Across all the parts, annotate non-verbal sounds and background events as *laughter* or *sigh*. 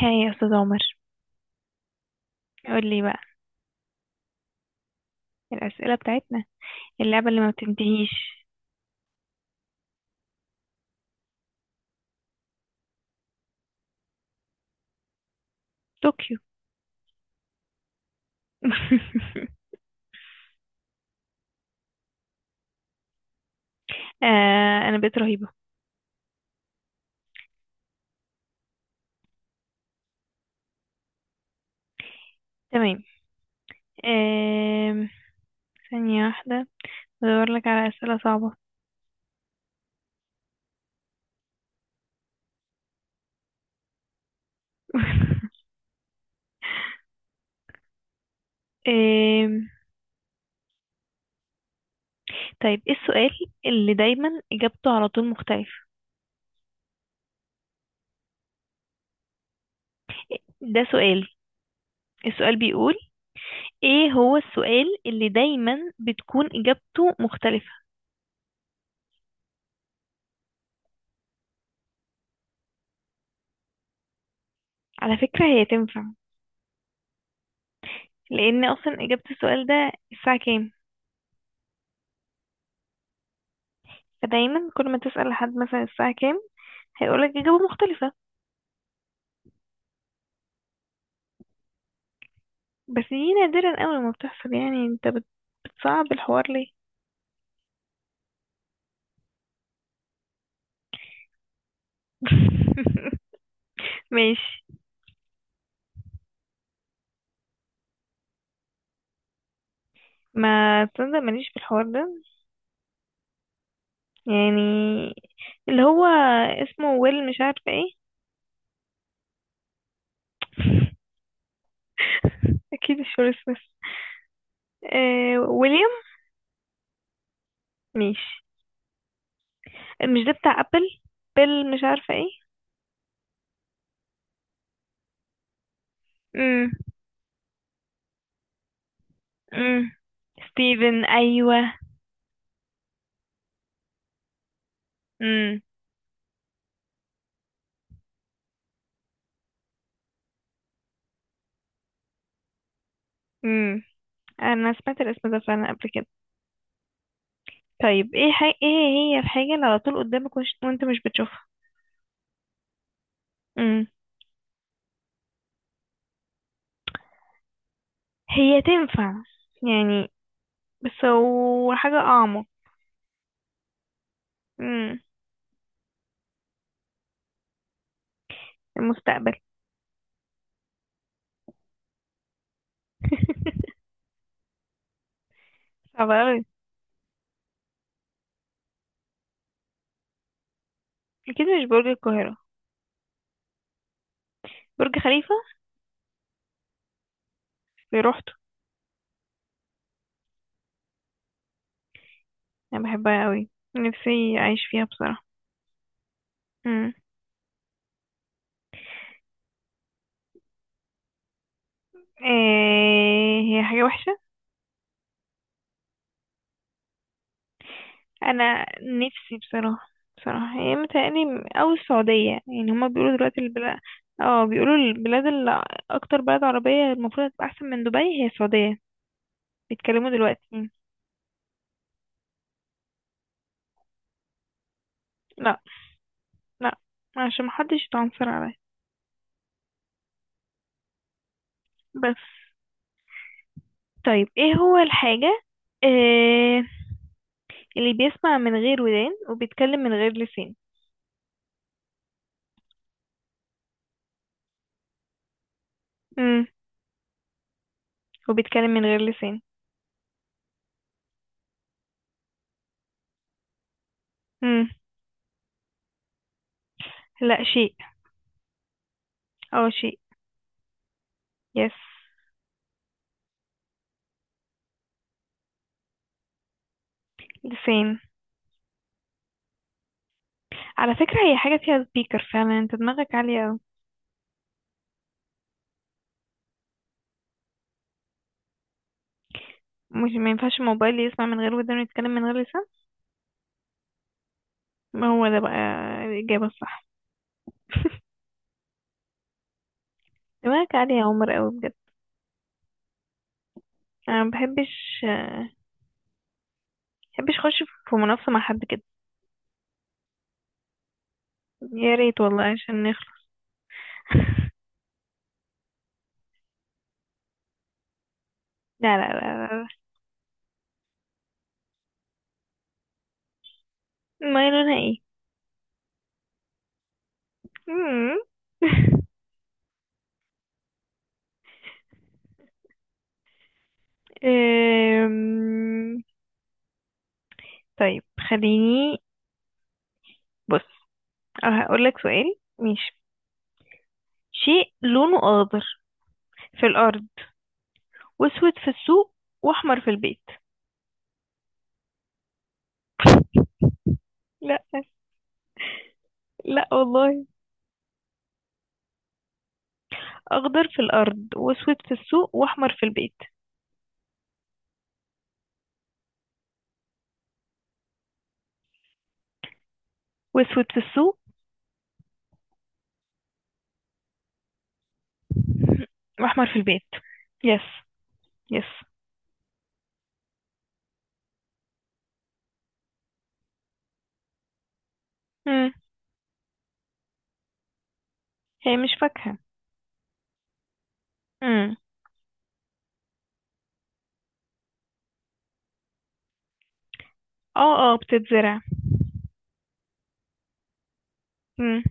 هاي يا استاذ عمر. قول لي بقى الأسئلة بتاعتنا اللعبة اللي ما بتنتهيش. طوكيو. *laughs* آه انا بقيت رهيبة. تمام. آم، ثانية واحدة، بدور لك على أسئلة صعبة. *laughs* آم، طيب، ايه السؤال اللي دايما إجابته على طول مختلفة؟ ده سؤال. السؤال بيقول ايه هو السؤال اللي دايما بتكون إجابته مختلفة؟ على فكرة هي تنفع، لأن أصلا إجابة السؤال ده الساعة كام. فدايما كل ما تسأل حد مثلا الساعة كام، هيقولك إجابة مختلفة. بس دي نادرا أوي ما بتحصل. يعني انت بتصعب الحوار ليه؟ *laughs* ماشي. ما تصدق ماليش في الحوار ده. يعني اللي هو اسمه ويل مش عارفة ايه. *laughs* اكيد مش ويل سميث. آه ويليام. ماشي. مش ده بتاع ابل؟ بيل مش عارفة ايه. امم. امم. ستيفن، ايوه. امم. امم. انا سمعت الاسم ده فعلا قبل كده. طيب ايه حاجة، ايه هي الحاجة اللي على طول قدامك وانت مش بتشوفها؟ امم. هي تنفع يعني، بس هو حاجة اعمق. امم. المستقبل. *laughs* صعب اوي. اكيد مش برج القاهرة. برج خليفة. في روحته. انا بحبها اوي، نفسي اعيش فيها بصراحة. امم. إيه هي حاجة وحشة؟ انا نفسي بصراحه، بصراحه هي متهيألي او السعوديه. يعني هما بيقولوا دلوقتي البلاد، اه بيقولوا البلاد اللي، اكتر بلد عربيه المفروض هتبقى احسن من دبي هي السعوديه. بيتكلموا دلوقتي. لا، لا، عشان محدش يتعنصر عليا بس. طيب ايه هو الحاجه، آه، اللي بيسمع من غير ودان وبيتكلم من غير لسان؟ امم. وبيتكلم من غير لسان. امم. لا، شيء. اه شيء. يس. لسان. على فكرة هي حاجة فيها سبيكر فعلا. انت دماغك عالية اوي. مش ما ينفعش الموبايل يسمع من غير ودان ويتكلم من غير لسان؟ ما هو ده بقى الإجابة الصح. *laughs* دماغك عالية يا عمر قوي بجد. انا ما بحبش بحبش اخش في منافسة مع حد كده. يا ريت والله عشان نخلص. *laughs* لا لا لا لا. لا. ما لونها ايه. مم. *laughs* أم، طيب، خليني، بص، هقول لك سؤال ماشي. شيء لونه اخضر في الارض، واسود في السوق، واحمر في البيت. لا. لا والله. أخضر في الأرض، وأسود في السوق، وأحمر في البيت. وأسود في السوق وأحمر في البيت. يس. يس. مم. هي مش فاكهة. مم. اه اه بتتزرع. مم.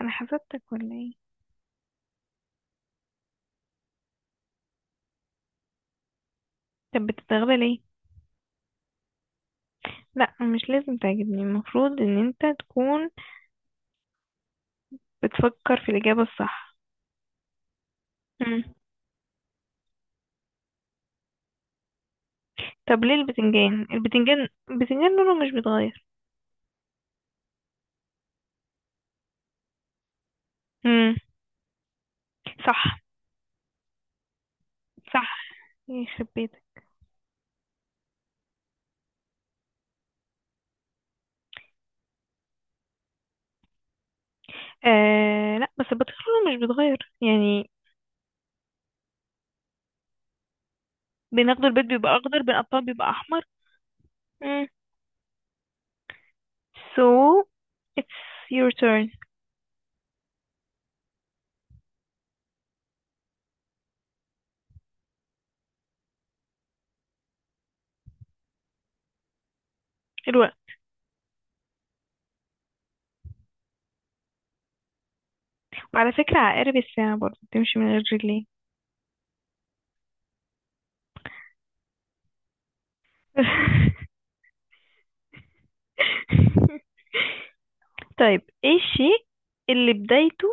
أنا حسبتك ولا ايه؟ طب بتتغلى ليه؟ لا، مش لازم تعجبني، المفروض ان انت تكون بتفكر في الإجابة الصح. مم. طب ليه البتنجان؟ البتنجان لونه مش بيتغير. مم. صح صح. يخرب بيتك. آه لا، بس البطيخ لونه مش بيتغير يعني. بناخده البيض بيبقى اخضر، بنقطعه بيبقى احمر. مم. So it's your turn. الوقت. وعلى فكرة عقارب الساعة برضه بتمشي من غير رجلين. *laughs* طيب ايه الشيء اللي بدايته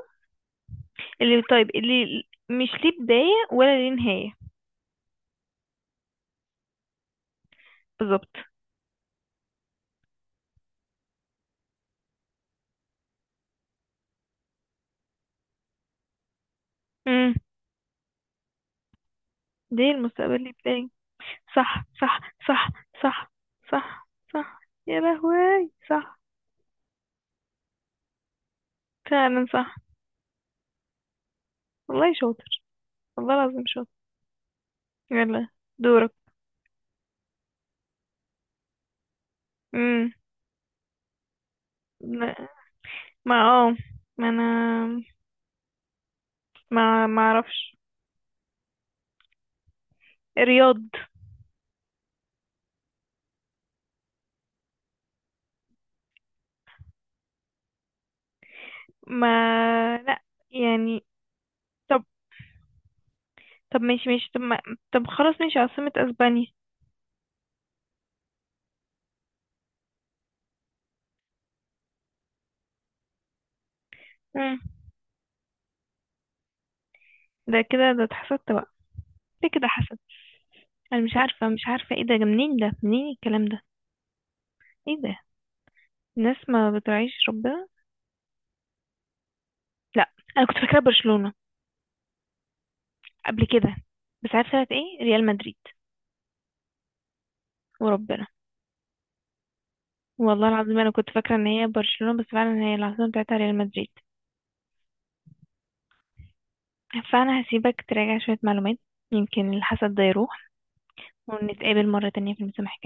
اللي طيب اللي مش ليه بداية ولا ليه نهاية؟ بالظبط. مم. ليه المستقبل ليه بداية. صح صح. صح. صح. صح. صح. يا لهوي صح. فعلا صح. والله شاطر. والله العظيم شاطر. يلا دورك. امم. ما اه ما انا ما ما اعرفش. رياض. ما لا، يعني. طب طب ماشي ماشي طب ما... طب خلاص ماشي، عاصمة اسبانيا. مم. ده كده، ده اتحسدت بقى، ده كده حسد. انا مش عارفة، ايه ده، منين الكلام ده؟ ايه ده. الناس ما بتراعيش ربنا. لا، انا كنت فاكرة برشلونة قبل كده، بس عارفة طلعت ايه؟ ريال مدريد. وربنا، والله العظيم انا كنت فاكرة ان هي برشلونة، بس فعلا هي العاصمة بتاعتها ريال مدريد. فأنا هسيبك تراجع شوية معلومات، يمكن الحسد ده يروح، ونتقابل مرة تانية في المسامحة.